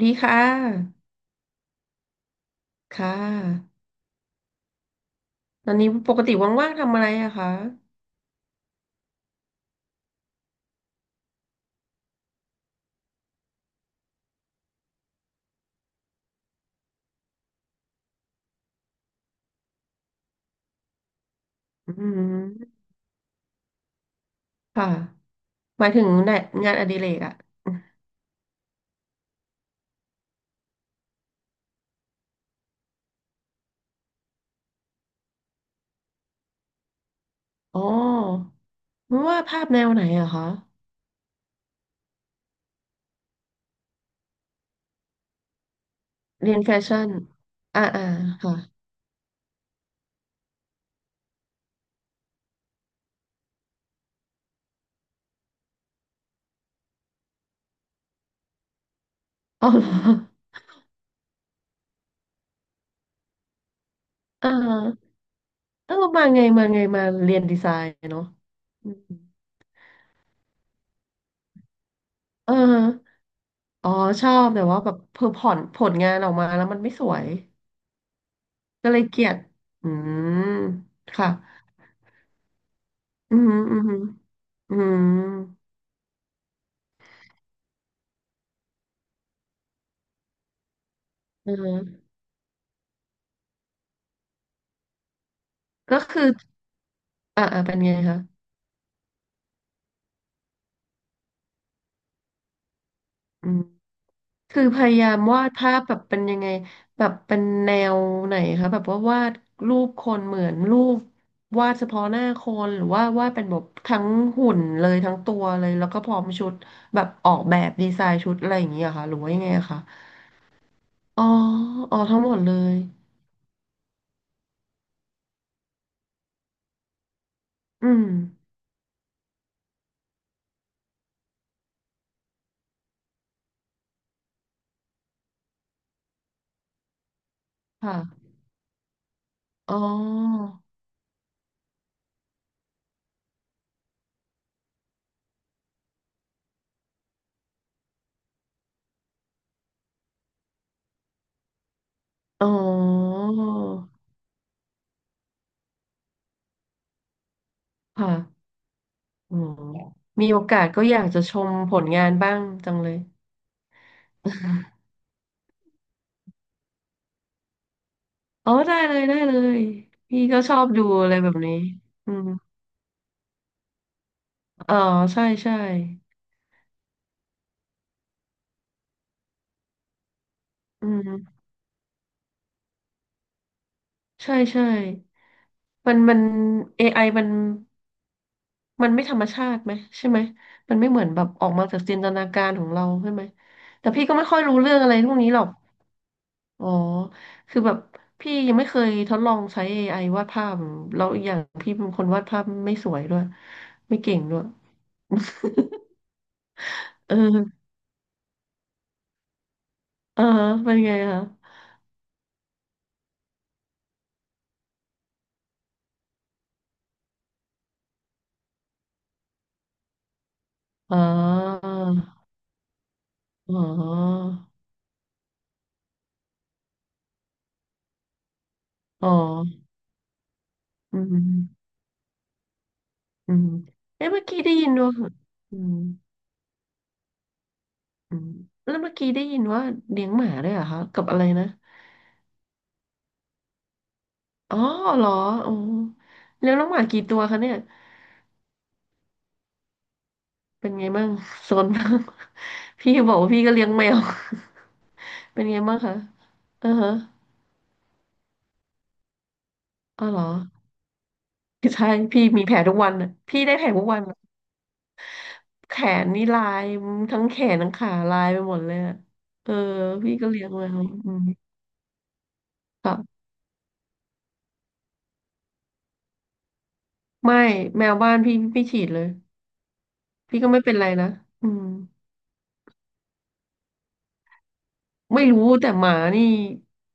ดีค่ะ ค่ะ ตอนนี้ปกติว่างๆทำอะไรอะคะอืมค่ะหมายถึงไหนงานอดิเรกอะอ๋อไม่ว่าภาพแนวไหนอะคะ เรียนแฟชั่นอ่าอ่าค่ะ อ๋อเหรออ่าเออมาไงมาไงมาเรียนดีไซน์เนาะอืมเอออ๋อ ชอบแต่ว่าแบบเพอผ่อนผลงานออกมาแล้วมันไม่สวย ก็เลยเกลียดอืมค่ะ อืมอืมอืม อืมก็คืออ่าอ่าเป็นไงคะอืมคือพยายามวาดภาพแบบเป็นยังไงแบบเป็นแนวไหนคะแบบว่าวาดรูปคนเหมือนรูปวาดเฉพาะหน้าคนหรือว่าวาดเป็นแบบทั้งหุ่นเลยทั้งตัวเลยแล้วก็พร้อมชุดแบบออกแบบดีไซน์ชุดอะไรอย่างเงี้ยค่ะหรือว่ายังไงอะคะอ๋ออ๋อทั้งหมดเลยอืมค่ะอ๋ออ๋อค่ะอ๋อมีโอกาสก็อยากจะชมผลงานบ้างจังเลย อ๋อได้เลยได้เลยพี่ก็ชอบดูอะไรแบบนี้อืมอ๋อใช่ใช่อืมใช่ใช่มันมันเอไ i มันมันไม่ธรรมชาติไหมใช่ไหมมันไม่เหมือนแบบออกมาจากจินตนาการของเราใช่ไหมแต่พี่ก็ไม่ค่อยรู้เรื่องอะไรพวกนี้หรอกอ๋อคือแบบพี่ยังไม่เคยทดลองใช้ a อไอวาดภาพแล้วอีกอย่างพี่เป็นคนวาดภาพไม่สวยด้วยไม่เก่งด้วย เออเออเป็นไงคะอ๋อ อ๋ออ๋ออืมอืมเอ๊ะเมื่อกี้ได้ยินว่าอืมอืมแล้วเมื่อกี้ได้ยินว่าเลี้ยงหมาด้วยเหรอคะกับอะไรนะอ๋อเหรออ๋อเลี้ยงน้องหมากี่ตัวคะเนี่ยเป็นไงบ้างโซนบ้าง พี่บอกว่าพี่ก็เลี้ยงแมว เป็นไงบ้างคะเออฮะอ๋อเหรอใช่พี่มีแผลทุกวันน่ะพี่ได้แผลทุกวันน่ะแขนนี่ลายทั้งแขนทั้งขาลายไปหมดเลยอะเออพี่ก็เลี้ยงแมวอืมค่ะ ไม่แมวบ้านพี่ไม่ฉีดเลยพี่ก็ไม่เป็นไรนะอืมไม่รู้แต่หมานี่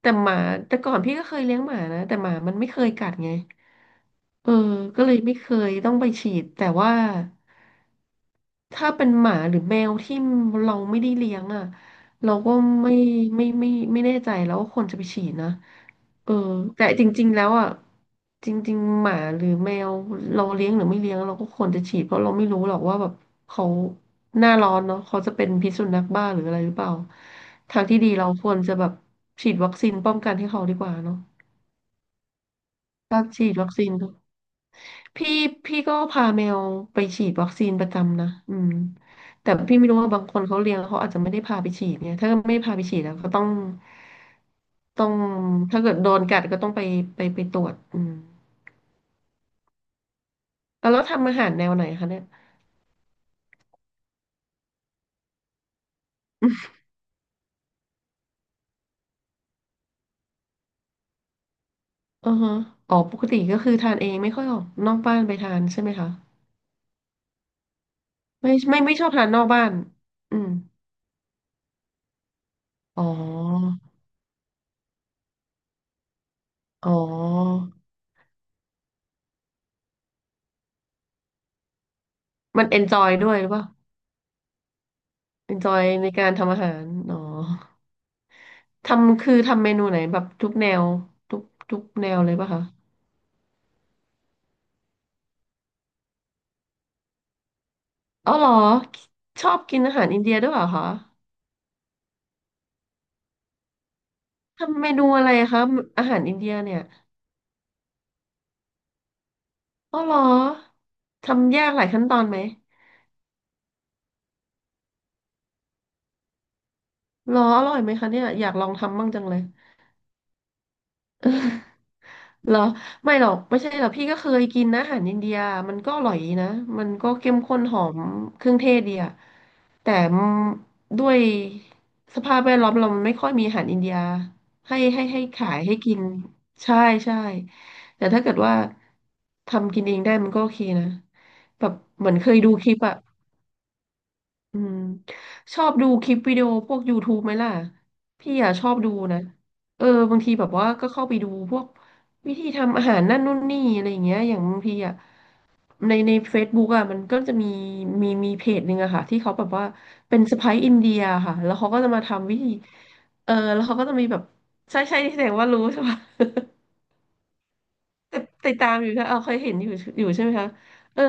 แต่หมาแต่ก่อนพี่ก็เคยเลี้ยงหมานะแต่หมามันไม่เคยกัดไงเออก็เลยไม่เคยต้องไปฉีดแต่ว่า ถ้าเป็นหมาหรือแมวที่เราไม่ได้เลี้ยงอ่ะเราก็ไม่ไม่แน่ใจแล้วว่าควรจะไปฉีดนะเออแต่จริงๆแล้วอ่ะจริงๆหมาหรือแมวเราเลี้ยงหรือไม่เลี้ยงเราก็ควรจะฉีดเพราะเราไม่รู้หรอกว่าแบบเขาหน้าร้อนเนาะเขาจะเป็นพิษสุนัขบ้าหรืออะไรหรือเปล่าทางที่ดีเราควรจะแบบฉีดวัคซีนป้องกันให้เขาดีกว่าเนาะถ้าฉีดวัคซีน พี่พี่ก็พาแมวไปฉีดวัคซีนประจำนะอืมแต่พี่ไม่รู้ว่าบางคนเขาเลี้ยงเขาอาจจะไม่ได้พาไปฉีดเนี่ยถ้าไม่พาไปฉีดแล้วก็ต้องต้องถ้าเกิดโดนกัดก็ต้องไปไปไปตรวจอืมแล้วทำอาหารแนวไหนคะเนี่ยอือฮะอ๋อปกติก็คือทานเองไม่ค่อยออกนอกบ้านไปทานใช่ไหมคะ ไม่ไม่ไม่ชอบทานนอกบ้านอืมอ๋ออ๋อ มันเอนจอยด้วยหรือเปล่าเอนจอยในการทำอาหารอ๋อ ทำคือทำเมนูไหนแบบทุกแนวทุกทุกแนวเลยป่ะคะอ๋อเหรอชอบกินอาหารอินเดียด้วยเหรอคะทำเมนูอะไรคะอาหารอินเดียเนี่ยอ๋อเหรอทำยากหลายขั้นตอนไหมเหรออร่อยไหมคะเนี่ยอยากลองทำบ้างจังเลย เหรอไม่หรอกไม่ใช่หรอกพี่ก็เคยกินนะอาหารอินเดียมันก็อร่อยดีนะมันก็เข้มข้นหอมเครื่องเทศดีอะแต่ด้วยสภาพแวดล้อมเรามันไม่ค่อยมีอาหารอินเดียให้ให้ขายให้กินใช่ใช่แต่ถ้าเกิดว่าทำกินเองได้มันก็โอเคนะแบบเหมือนเคยดูคลิปอะ อืมชอบดูคลิปวิดีโอพวก YouTube ไหมล่ะพี่อ่ะชอบดูนะเออบางทีแบบว่าก็เข้าไปดูพวกวิธีทำอาหารนั่นนู่นนี่อะไรอย่างเงี้ยอย่างบางทีอ่ะใน Facebook อ่ะมันก็จะมีมีเพจหนึ่งอะค่ะที่เขาแบบว่าเป็นสะใภ้อินเดียค่ะแล้วเขาก็จะมาทำวิธีเออแล้วเขาก็จะมีแบบใช่ใช่ที่แสดงว่ารู้ใช่ปะ ติดตดตามอยู่ใช่เออเคยเห็นอยู่อยู่ใช่ไหมคะเออ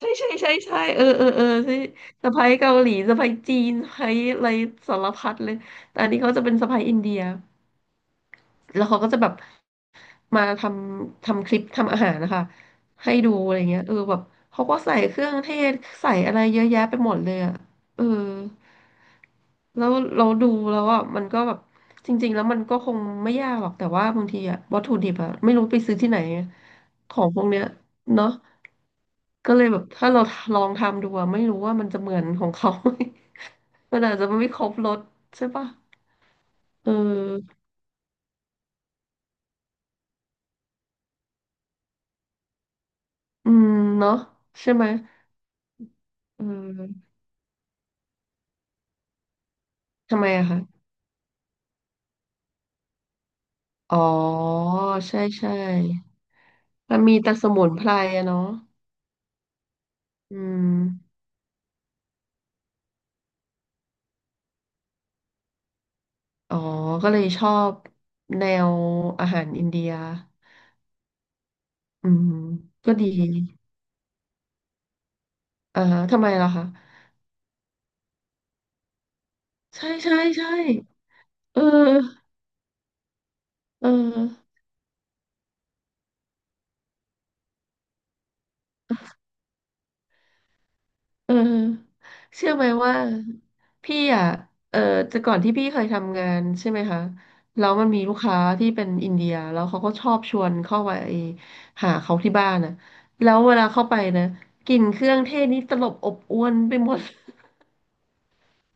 ใช่ใช่ใช่ใช่เออเออเออใช่สะใภ้เกาหลีสะใภ้จีนสะใภ้อะไรสารพัดเลยแต่อันนี้เขาจะเป็นสะใภ้อินเดียแล้วเขาก็จะแบบมาทำคลิปทำอาหารนะคะให้ดูอะไรเงี้ยเออแบบเขาก็ใส่เครื่องเทศใส่อะไรเยอะแยะไปหมดเลยอ่ะเออแล้วเราดูแล้วอ่ะมันก็แบบจริงๆแล้วมันก็คงไม่ยากหรอกแต่ว่าบางทีอ่ะวัตถุดิบอ่ะไม่รู้ไปซื้อที่ไหนของพวกเนี้ยเนาะ ก็เลยแบบถ้าเราลองทำดูอะไม่รู้ว่ามันจะเหมือนของเขา ไหม มันอาจจะไม่ครบรสใช่ปะเอออืมเนาะใช่ไหมเออทำไมอะคะอ๋อใช่ใช่มันมีแต่สมุนไพรอะเนาะอืมอ๋อก็เลยชอบแนวอาหารอินเดียอืมก็ดีอ่าฮะทำไมล่ะคะใช่ใช่ใช่เออเออ เออเชื่อไหมว่าพี่อ่ะเออแต่ก่อนที่พี่เคยทำงานใช่ไหมคะแล้วมันมีลูกค้าที่เป็นอินเดียแล้วเขาก็ชอบชวนเข้าไปหาเขาที่บ้านนะแล้วเวลาเข้าไปนะกลิ่นเครื่องเทศนี่ตลบอบอวนไปหมด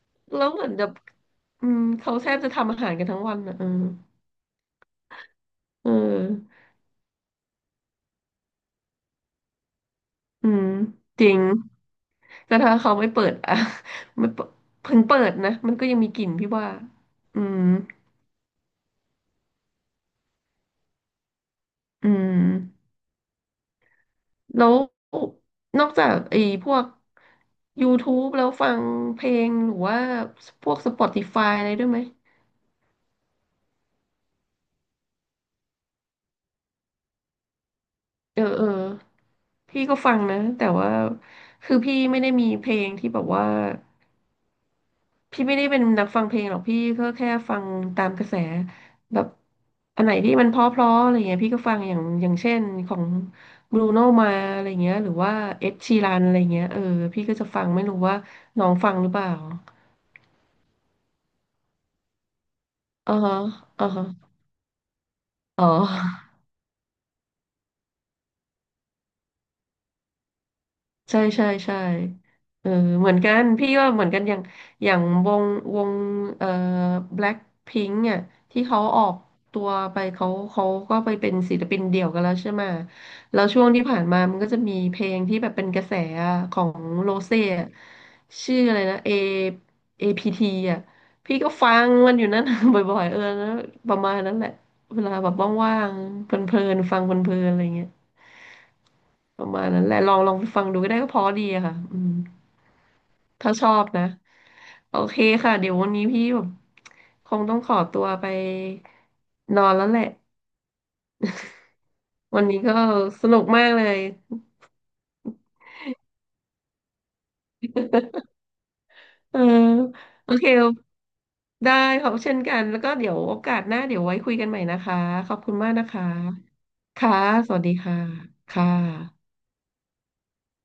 แล้วเหมือนแบบอืมเขาแทบจะทำอาหารกันทั้งวันนะเออเอออืมจริงแต่ถ้าเขาไม่เปิด อ่ะไม่เปิดเพิ่งเปิดนะมันก็ยังมีกลิ่นพี่ว่าอืมอืม แล้วนอกจากไอ้พวก YouTube แล้วฟังเพลงหรือว่าพวก Spotify อะไรด้วยไหมเออเออพี่ก็ฟังนะแต่ว่าคือพี่ไม่ได้มีเพลงที่แบบว่าพี่ไม่ได้เป็นนักฟังเพลงหรอกพี่ก็แค่ฟังตามกระแสแบบอันไหนที่มันเพราะๆอะไรเงี้ยพี่ก็ฟังอย่างเช่นของบรูโนมาอะไรเงี้ยหรือว่าเอ็ดชีรันอะไรเงี้ยเออพี่ก็จะฟังไม่รู้ว่าน้องฟังหรือเปล่าอ่าฮะอ่าฮะ อ๋อใช่ใช่ใช่เออเหมือนกันพี่ว่าเหมือนกันอย่างอย่างวงเอ่อแบล็คพิงค์อ่ะที่เขาออกตัวไปเขาก็ไปเป็นศิลปินเดี่ยวกันแล้วใช่ไหมแล้วช่วงที่ผ่านมามันก็จะมีเพลงที่แบบเป็นกระแสอะของโรเซ่อะชื่ออะไรนะ A เอพี p t อ่ะพี่ก็ฟังมันอยู่นั่น บ่อยๆเออแล้วประมาณนั้นแหละเวลาแบบว่างๆเพลินๆฟังเพลินๆอะไรเงี้ย ประมาณนั้นแหละลองฟังดูก็ได้ก็เพอดีอะค่ะอืมถ้าชอบนะโอเคค่ะเดี๋ยววันนี้พี่แบบคงต้องขอตัวไปนอนแล้วแหละวันนี้ก็สนุกมากเลยเออโอเคได้ขอบเช่นกันแล้วก็เดี๋ยวโอกาสหน้าเดี๋ยวไว้คุยกันใหม่นะคะขอบคุณมากนะคะค่ะสวัสดีค่ะค่ะ